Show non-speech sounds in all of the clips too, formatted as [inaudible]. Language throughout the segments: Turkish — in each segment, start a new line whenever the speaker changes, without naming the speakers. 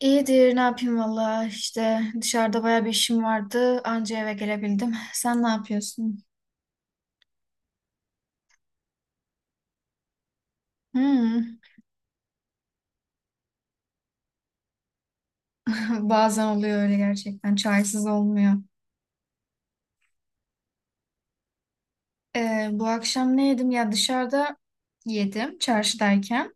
İyidir, ne yapayım valla işte dışarıda baya bir işim vardı anca eve gelebildim. [laughs] Sen ne yapıyorsun? Hmm. [laughs] Bazen oluyor öyle gerçekten çaysız olmuyor. Bu akşam ne yedim ya dışarıda yedim çarşıdayken.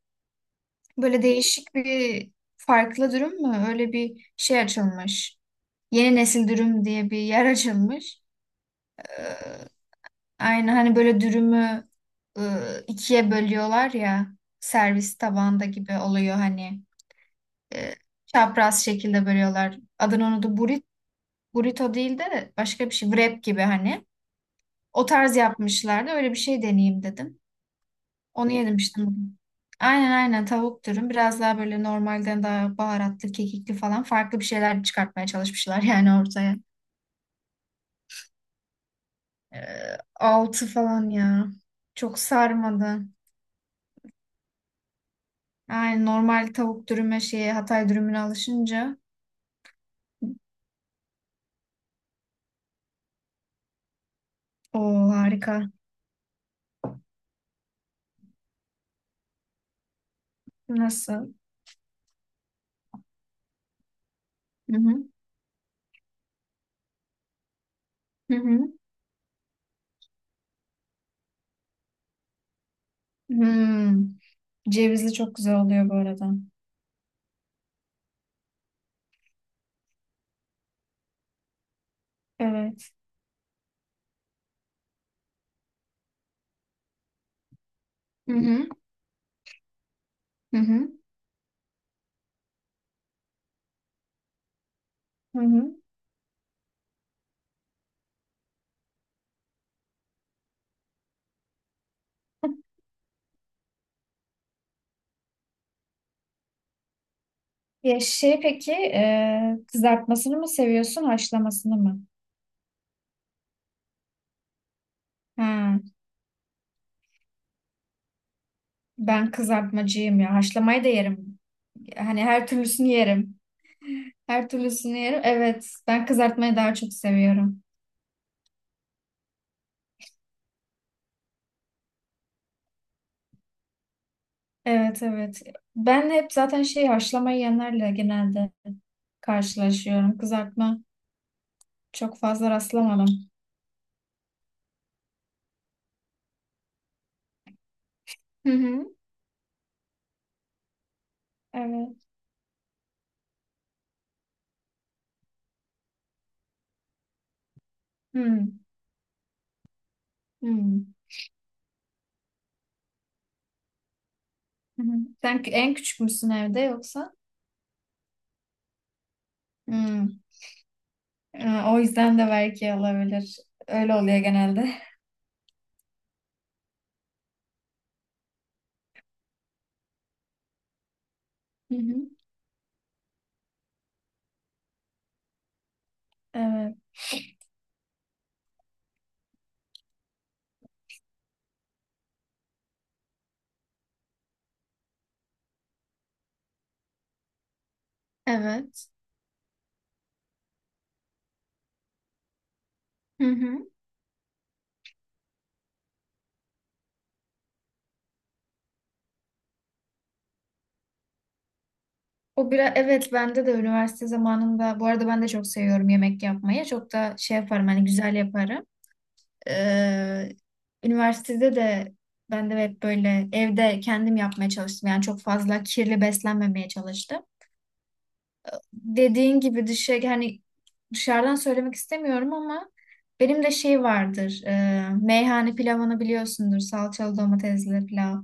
Böyle değişik bir farklı dürüm mü? Öyle bir şey açılmış. Yeni nesil dürüm diye bir yer [laughs] açılmış. Aynı hani böyle dürümü ikiye bölüyorlar ya servis tabağında gibi oluyor hani. e, Çapraz şekilde bölüyorlar. Adını unuttum. Burit, burrito değil de başka bir şey. Wrap gibi hani. O tarz yapmışlardı. Öyle bir şey deneyeyim dedim. Onu yedim işte. Bugün. Aynen aynen tavuk dürüm. Biraz daha böyle normalden daha baharatlı, kekikli falan farklı bir şeyler çıkartmaya çalışmışlar [laughs] yani ortaya. Ee, Altı falan ya. Çok sarmadı. Aynen normal tavuk dürüme şeye Hatay dürümüne alışınca. O harika. Nasıl? Hı hı. Hı hı. Hmm. Cevizli çok güzel oluyor bu arada. Evet. Hı hı. Hı hı. Hı hı. Ya şey peki kızartmasını mı seviyorsun haşlamasını mı? Ha, ben kızartmacıyım ya. Haşlamayı da yerim. Hani her türlüsünü yerim. Her türlüsünü yerim. Evet. Ben kızartmayı daha çok seviyorum. Evet evet. Ben hep zaten şey haşlamayı yiyenlerle genelde karşılaşıyorum. Kızartma çok fazla rastlamadım. Hı hı. Evet. Hı hı. Hı hı. En küçük müsün evde yoksa? Hmm. O yüzden de belki olabilir. Öyle oluyor genelde. Hı hı. Evet. Evet. Hı hı. O biraz evet bende de üniversite zamanında bu arada ben de çok seviyorum yemek yapmayı. Çok da şey yaparım hani güzel yaparım. Ee, Üniversitede de ben de hep böyle evde kendim yapmaya çalıştım. Yani çok fazla kirli beslenmemeye çalıştım. Dediğin gibi dışarı hani dışarıdan söylemek istemiyorum ama benim de şey vardır. E, meyhane pilavını biliyorsundur. Salçalı domatesli pilav.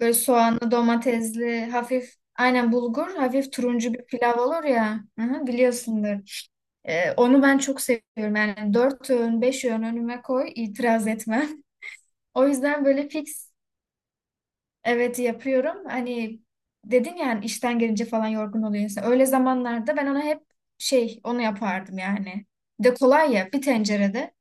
Böyle soğanlı domatesli hafif aynen bulgur hafif turuncu bir pilav olur ya. Hı hı, biliyorsundur. E, onu ben çok seviyorum. Yani dört öğün beş öğün önüme koy itiraz etmem. [laughs] O yüzden böyle fix evet yapıyorum. Hani dedin ya hani işten gelince falan yorgun oluyor insan. Öyle zamanlarda ben ona hep şey onu yapardım yani. Bir de kolay ya bir tencerede.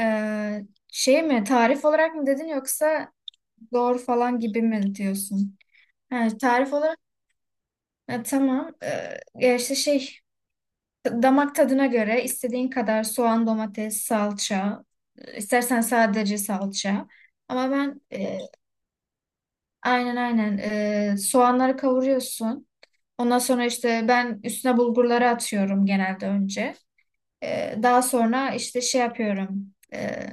Ee, Şey mi tarif olarak mı dedin yoksa doğru falan gibi mi diyorsun? Ha, tarif olarak ha, tamam. Ya işte şey damak tadına göre istediğin kadar soğan, domates, salça. İstersen sadece salça. Ama ben e, Aynen aynen. Soğanları kavuruyorsun. Ondan sonra işte ben üstüne bulgurları atıyorum genelde önce. Daha sonra işte şey yapıyorum.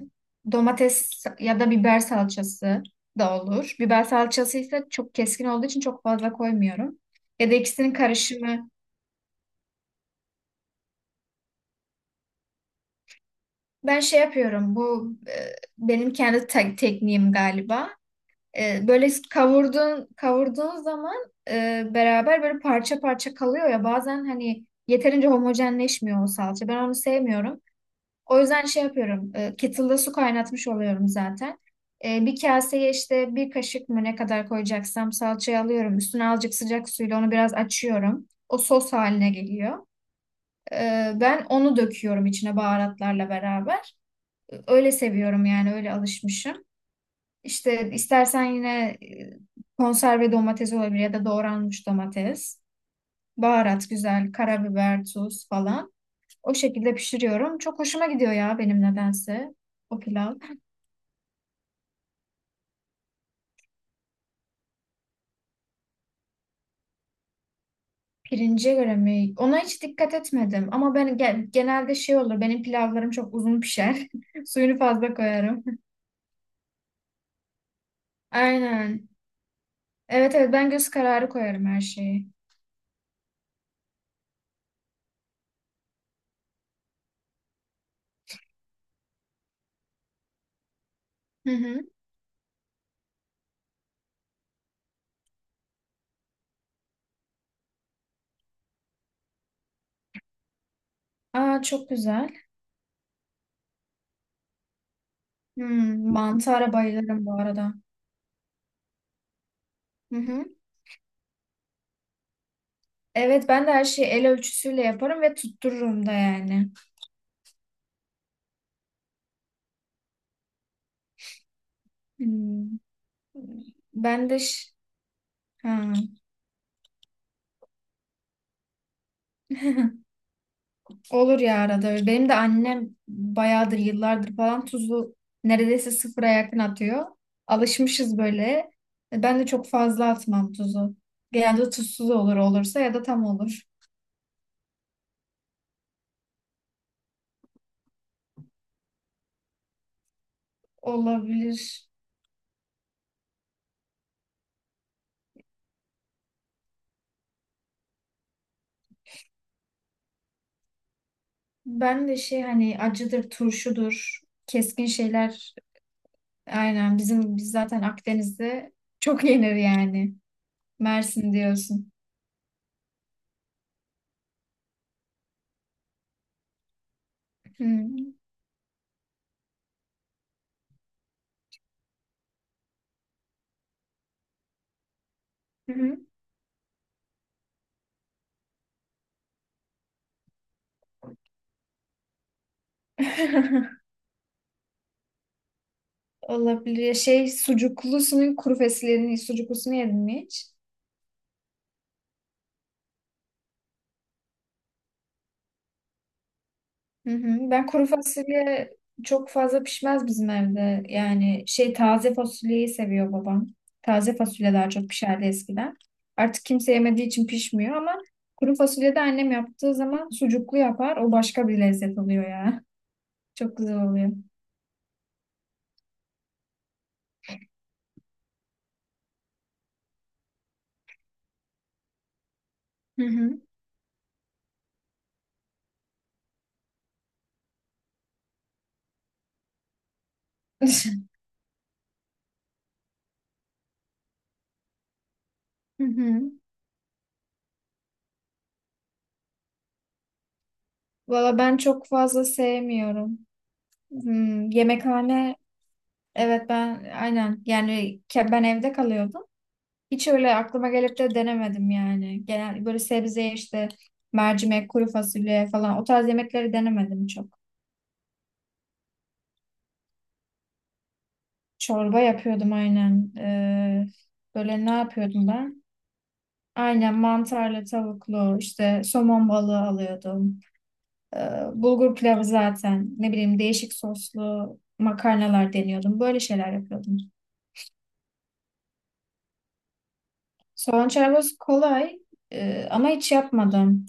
Domates ya da biber salçası da olur. Biber salçası ise çok keskin olduğu için çok fazla koymuyorum. Ya da ikisinin karışımı. Ben şey yapıyorum. Benim kendi tekniğim galiba. E, böyle kavurduğun zaman beraber böyle parça parça kalıyor ya bazen hani yeterince homojenleşmiyor o salça. Ben onu sevmiyorum. O yüzden şey yapıyorum. E, kettle'da su kaynatmış oluyorum zaten. E, bir kaseye işte bir kaşık mı ne kadar koyacaksam salçayı alıyorum. Üstüne azıcık sıcak suyla onu biraz açıyorum. O sos haline geliyor. E, ben onu döküyorum içine baharatlarla beraber. Öyle seviyorum yani öyle alışmışım. İşte istersen yine konserve domates olabilir ya da doğranmış domates. Baharat güzel, karabiber, tuz falan. O şekilde pişiriyorum. Çok hoşuma gidiyor ya benim nedense o pilav. Pirince göre mi? Ona hiç dikkat etmedim. Ama ben genelde şey olur. Benim pilavlarım çok uzun pişer. [laughs] Suyunu fazla koyarım. [laughs] Aynen. Evet evet ben göz kararı koyarım her şeyi. Hı hı. Aa çok güzel. Hmm, mantara bayılırım bu arada. Hı hı. Evet ben de her şeyi el ölçüsüyle yaparım ve tuttururum da yani. Hmm. Ben de ş- ha. [laughs] Olur ya arada. Öyle. Benim de annem bayağıdır yıllardır falan tuzu neredeyse sıfıra yakın atıyor. Alışmışız böyle. Ben de çok fazla atmam tuzu. Genelde tuzsuz olur olursa ya da tam olur. Olabilir. Ben de şey hani acıdır, turşudur, keskin şeyler aynen bizim biz zaten Akdeniz'de çok yenir yani. Mersin diyorsun. Hmm. Hı hı. [laughs] Olabilir. Ya şey sucuklusunun kuru fasulyenin sucuklusunu yedin mi hiç? Hı hı. Ben kuru fasulye çok fazla pişmez bizim evde. Yani şey taze fasulyeyi seviyor babam. Taze fasulye daha çok pişerdi eskiden. Artık kimse yemediği için pişmiyor ama kuru fasulye de annem yaptığı zaman sucuklu yapar. O başka bir lezzet oluyor ya. [laughs] Çok güzel oluyor. Hı hı. [laughs] Hı hı. Valla ben çok fazla sevmiyorum. Hmm, yemekhane evet ben aynen yani ben evde kalıyordum. Hiç öyle aklıma gelip de denemedim yani. Genel böyle sebze işte mercimek, kuru fasulye falan o tarz yemekleri denemedim çok. Çorba yapıyordum aynen. Böyle ne yapıyordum ben? Aynen mantarlı, tavuklu, işte somon balığı alıyordum. Ee, Bulgur pilavı zaten ne bileyim değişik soslu makarnalar deniyordum. Böyle şeyler yapıyordum. Soğan çorbası kolay ama hiç yapmadım.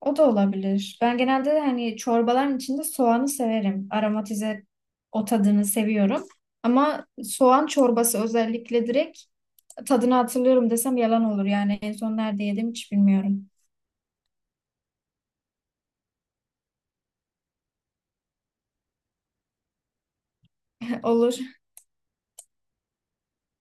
O da olabilir. Ben genelde hani çorbaların içinde soğanı severim. Aromatize o tadını seviyorum. Ama soğan çorbası özellikle direkt tadını hatırlıyorum desem yalan olur. Yani en son nerede yedim hiç bilmiyorum. [laughs] Olur.